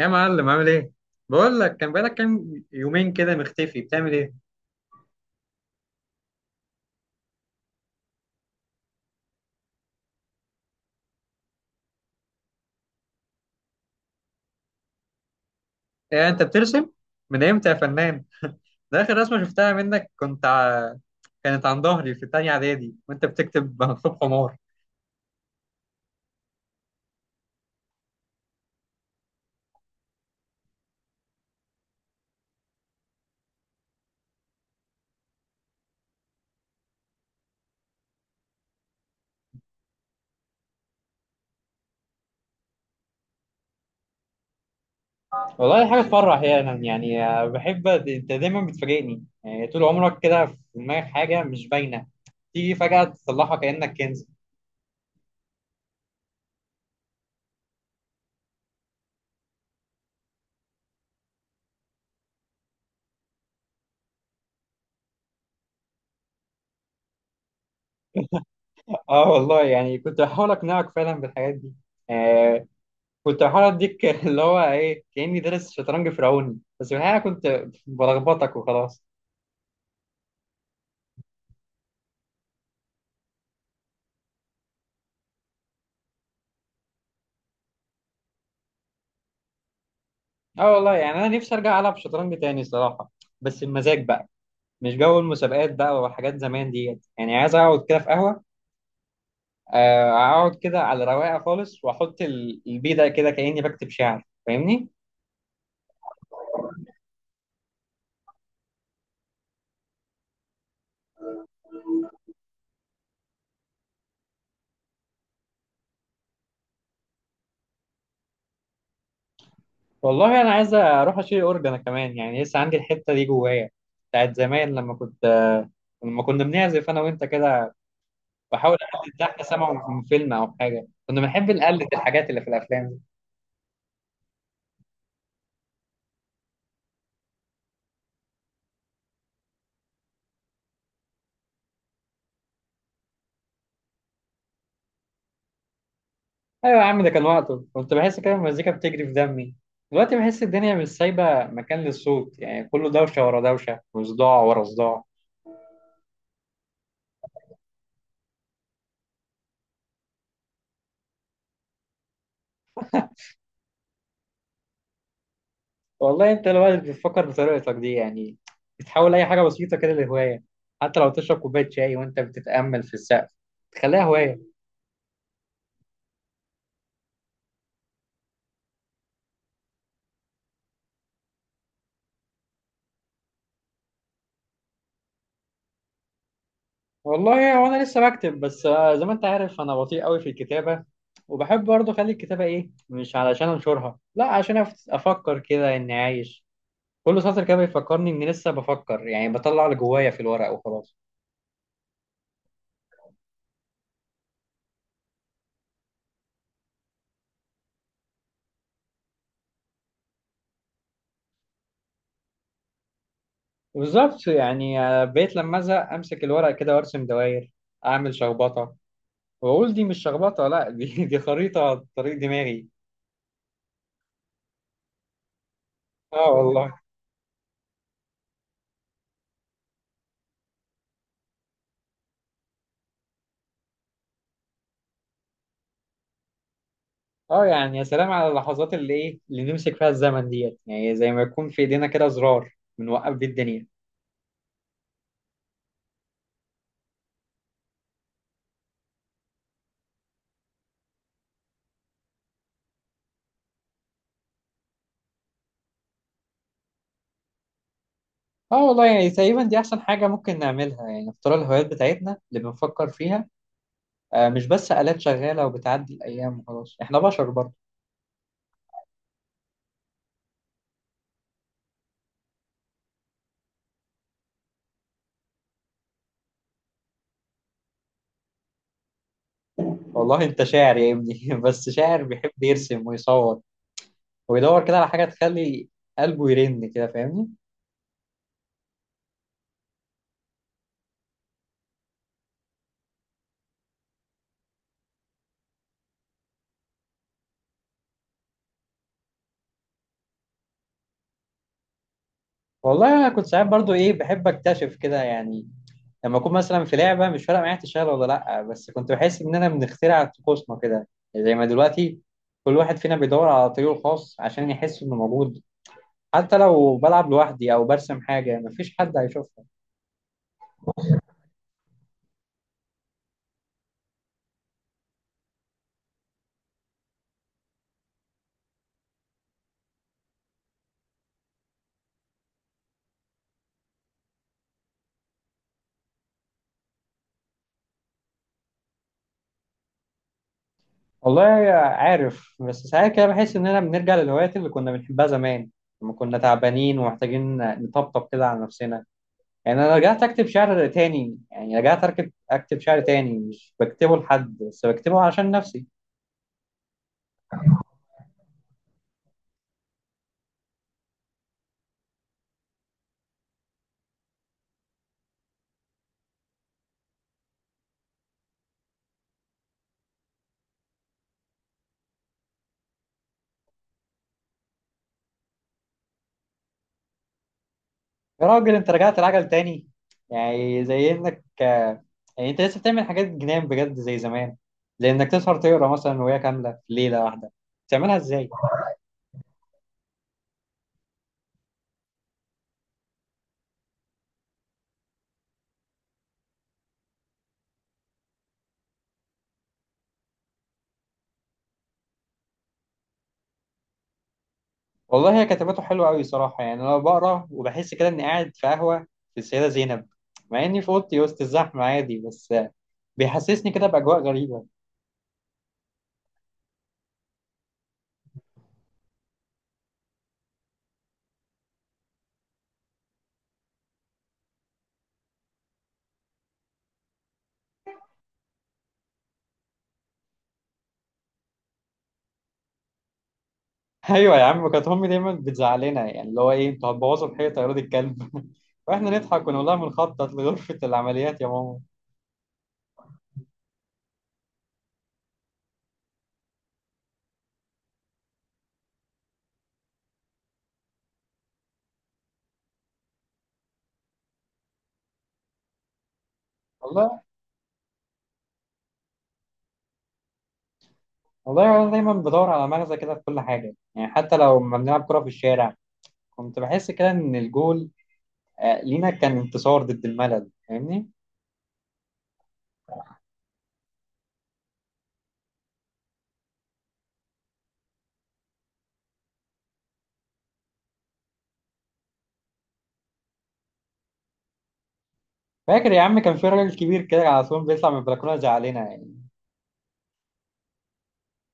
يا معلم عامل ايه؟ بقول لك كان بقالك كام يومين كده مختفي بتعمل ايه؟ إيه انت بترسم؟ من امتى يا فنان؟ ده اخر رسمة شفتها منك كانت عن ظهري في تانية اعدادي وانت بتكتب مكتوب حمار. والله حاجة تفرح، يعني يعني. بحب انت دايما بتفاجئني، يعني طول عمرك كده في دماغك حاجة مش باينة، تيجي فجأة تطلعها كأنك كنز. اه والله، يعني كنت بحاول اقنعك فعلا بالحاجات دي. كنت بحاول اديك اللي هو ايه، كاني دارس شطرنج فرعوني، بس في الحقيقه كنت بلخبطك وخلاص. اه والله، يعني انا نفسي ارجع العب شطرنج تاني صراحه، بس المزاج بقى مش جو المسابقات بقى وحاجات زمان ديت، يعني عايز اقعد كده في قهوه، اقعد كده على رواقه خالص واحط البيدق كده كاني بكتب شعر، فاهمني؟ والله انا عايز اروح اشيل اورج انا كمان، يعني لسه عندي الحته دي جوايا، بتاعت زمان لما كنت، لما كنا بنعزف انا وانت كده، بحاول احدد ده احنا سامعه من فيلم او حاجه، كنا بنحب نقلد الحاجات اللي في الافلام دي. ايوه يا عم، ده كان وقته كنت بحس كده المزيكا بتجري في دمي. دلوقتي بحس الدنيا مش سايبه مكان للصوت، يعني كله دوشه ورا دوشه وصداع ورا صداع. والله انت الواحد بتفكر بطريقتك دي، يعني بتحاول اي حاجه بسيطه كده لهوايه، حتى لو تشرب كوبايه شاي وانت بتتامل في السقف تخليها هوايه. والله هو انا لسه بكتب، بس زي ما انت عارف انا بطيء قوي في الكتابه، وبحب برضه اخلي الكتابه ايه، مش علشان انشرها، لا، عشان افكر كده اني عايش. كل سطر كده بيفكرني اني لسه بفكر، يعني بطلع اللي جوايا في الورق وخلاص. بالظبط، يعني بقيت لما ازهق امسك الورق كده وارسم دوائر، اعمل شخبطه، واقول دي مش شخبطه، لا، دي دي خريطه طريق دماغي. اه والله. اه، يعني يا سلام على اللحظات اللي ايه، اللي نمسك فيها الزمن ديت، يعني زي ما يكون في ايدينا كده زرار بنوقف بيه الدنيا. اه والله، يعني تقريبا دي احسن حاجه ممكن نعملها، يعني نختار الهوايات بتاعتنا اللي بنفكر فيها، آه، مش بس آلات شغاله وبتعدي الايام وخلاص، احنا بشر برضه. والله انت شاعر يا ابني، بس شاعر بيحب يرسم ويصور، ويدور كده على حاجه تخلي قلبه يرن كده، فاهمني؟ والله انا كنت ساعات برضه ايه، بحب اكتشف كده، يعني لما اكون مثلا في لعبه مش فارقه معايا تشتغل ولا لا، بس كنت بحس اننا بنخترع طقوسنا كده. يعني زي ما دلوقتي كل واحد فينا بيدور على طريقه الخاص عشان يحس انه موجود، حتى لو بلعب لوحدي او برسم حاجه مفيش حد هيشوفها. والله عارف، بس ساعات كده بحس اننا بنرجع للهوايات اللي كنا بنحبها زمان، لما كنا تعبانين ومحتاجين نطبطب كده على نفسنا. يعني انا رجعت اكتب شعر تاني، يعني رجعت اركب اكتب شعر تاني، مش بكتبه لحد، بس بكتبه عشان نفسي. يا راجل، انت رجعت العجل تاني؟ يعني زي انك، يعني انت لسه بتعمل حاجات جنان بجد زي زمان، زي انك تسهر تقرا مثلا روايه كامله في ليله واحده، بتعملها ازاي؟ والله هي كتاباته حلوة أوي صراحة، يعني أنا بقرا وبحس كده إني قاعد في قهوة في السيدة زينب، مع إني في أوضتي وسط الزحمة عادي، بس بيحسسني كده بأجواء غريبة. أيوة يا عم، كانت أمي دايما بتزعلنا، يعني اللي هو إيه، أنتوا هتبوظوا الحيطة يا ولاد الكلب، وإحنا نضحك ونقول لها بنخطط لغرفة العمليات يا ماما. والله. والله أنا دايما بدور على مغزى كده في كل حاجة، يعني حتى لو ما بنلعب كورة في الشارع كنت بحس كده إن الجول، لينا كان انتصار ضد الملل، فاهمني؟ فاكر يا عم كان في راجل كبير كده على طول بيطلع من البلكونه زعلنا يعني.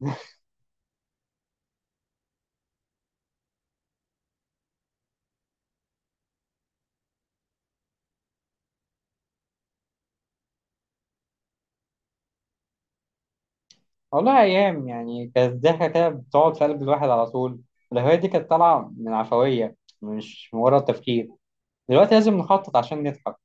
والله ايام يعني كانت ضحكه كده بتقعد في قلب الواحد على طول. الهوايه دي كانت طالعه من عفويه، مش مجرد تفكير. دلوقتي لازم نخطط عشان نضحك.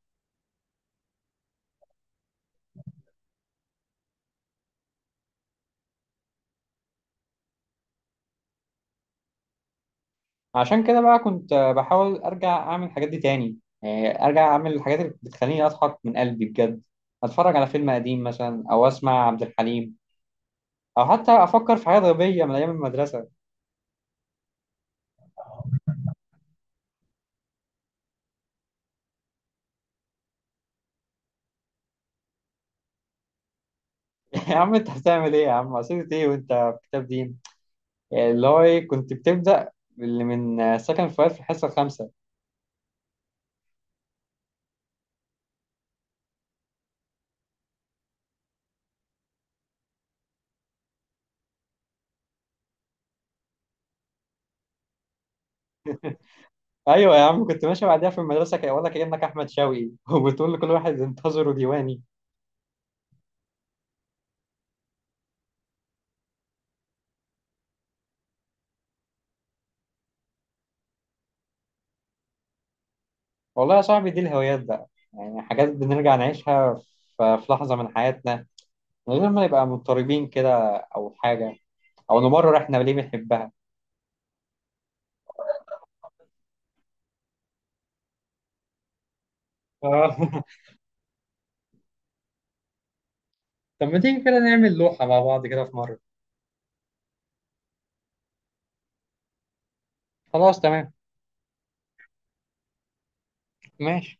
عشان كده بقى كنت بحاول ارجع اعمل الحاجات دي تاني، يعني ارجع اعمل الحاجات اللي بتخليني اضحك من قلبي بجد، اتفرج على فيلم قديم مثلا او اسمع عبد الحليم، او حتى افكر في حاجات غبيه من ايام المدرسه. يا عم انت بتعمل ايه يا عم، عصير ايه وانت في كتاب دين؟ يعني اللي هو ايه، كنت بتبدأ اللي من سكن فؤاد في الحصة الخامسة. أيوة يا عم، كنت ماشي بعديها في المدرسة كده ولا كأنك أحمد شوقي، وبتقول لكل واحد انتظروا ديواني. والله يا صاحبي، دي الهوايات بقى، يعني حاجات بنرجع نعيشها في لحظة من حياتنا، من غير ما نبقى مضطربين كده أو حاجة، أو نمرر إحنا ليه بنحبها. آه. طب ما تيجي كده نعمل لوحة مع بعض كده في مرة. خلاص، تمام، ماشي.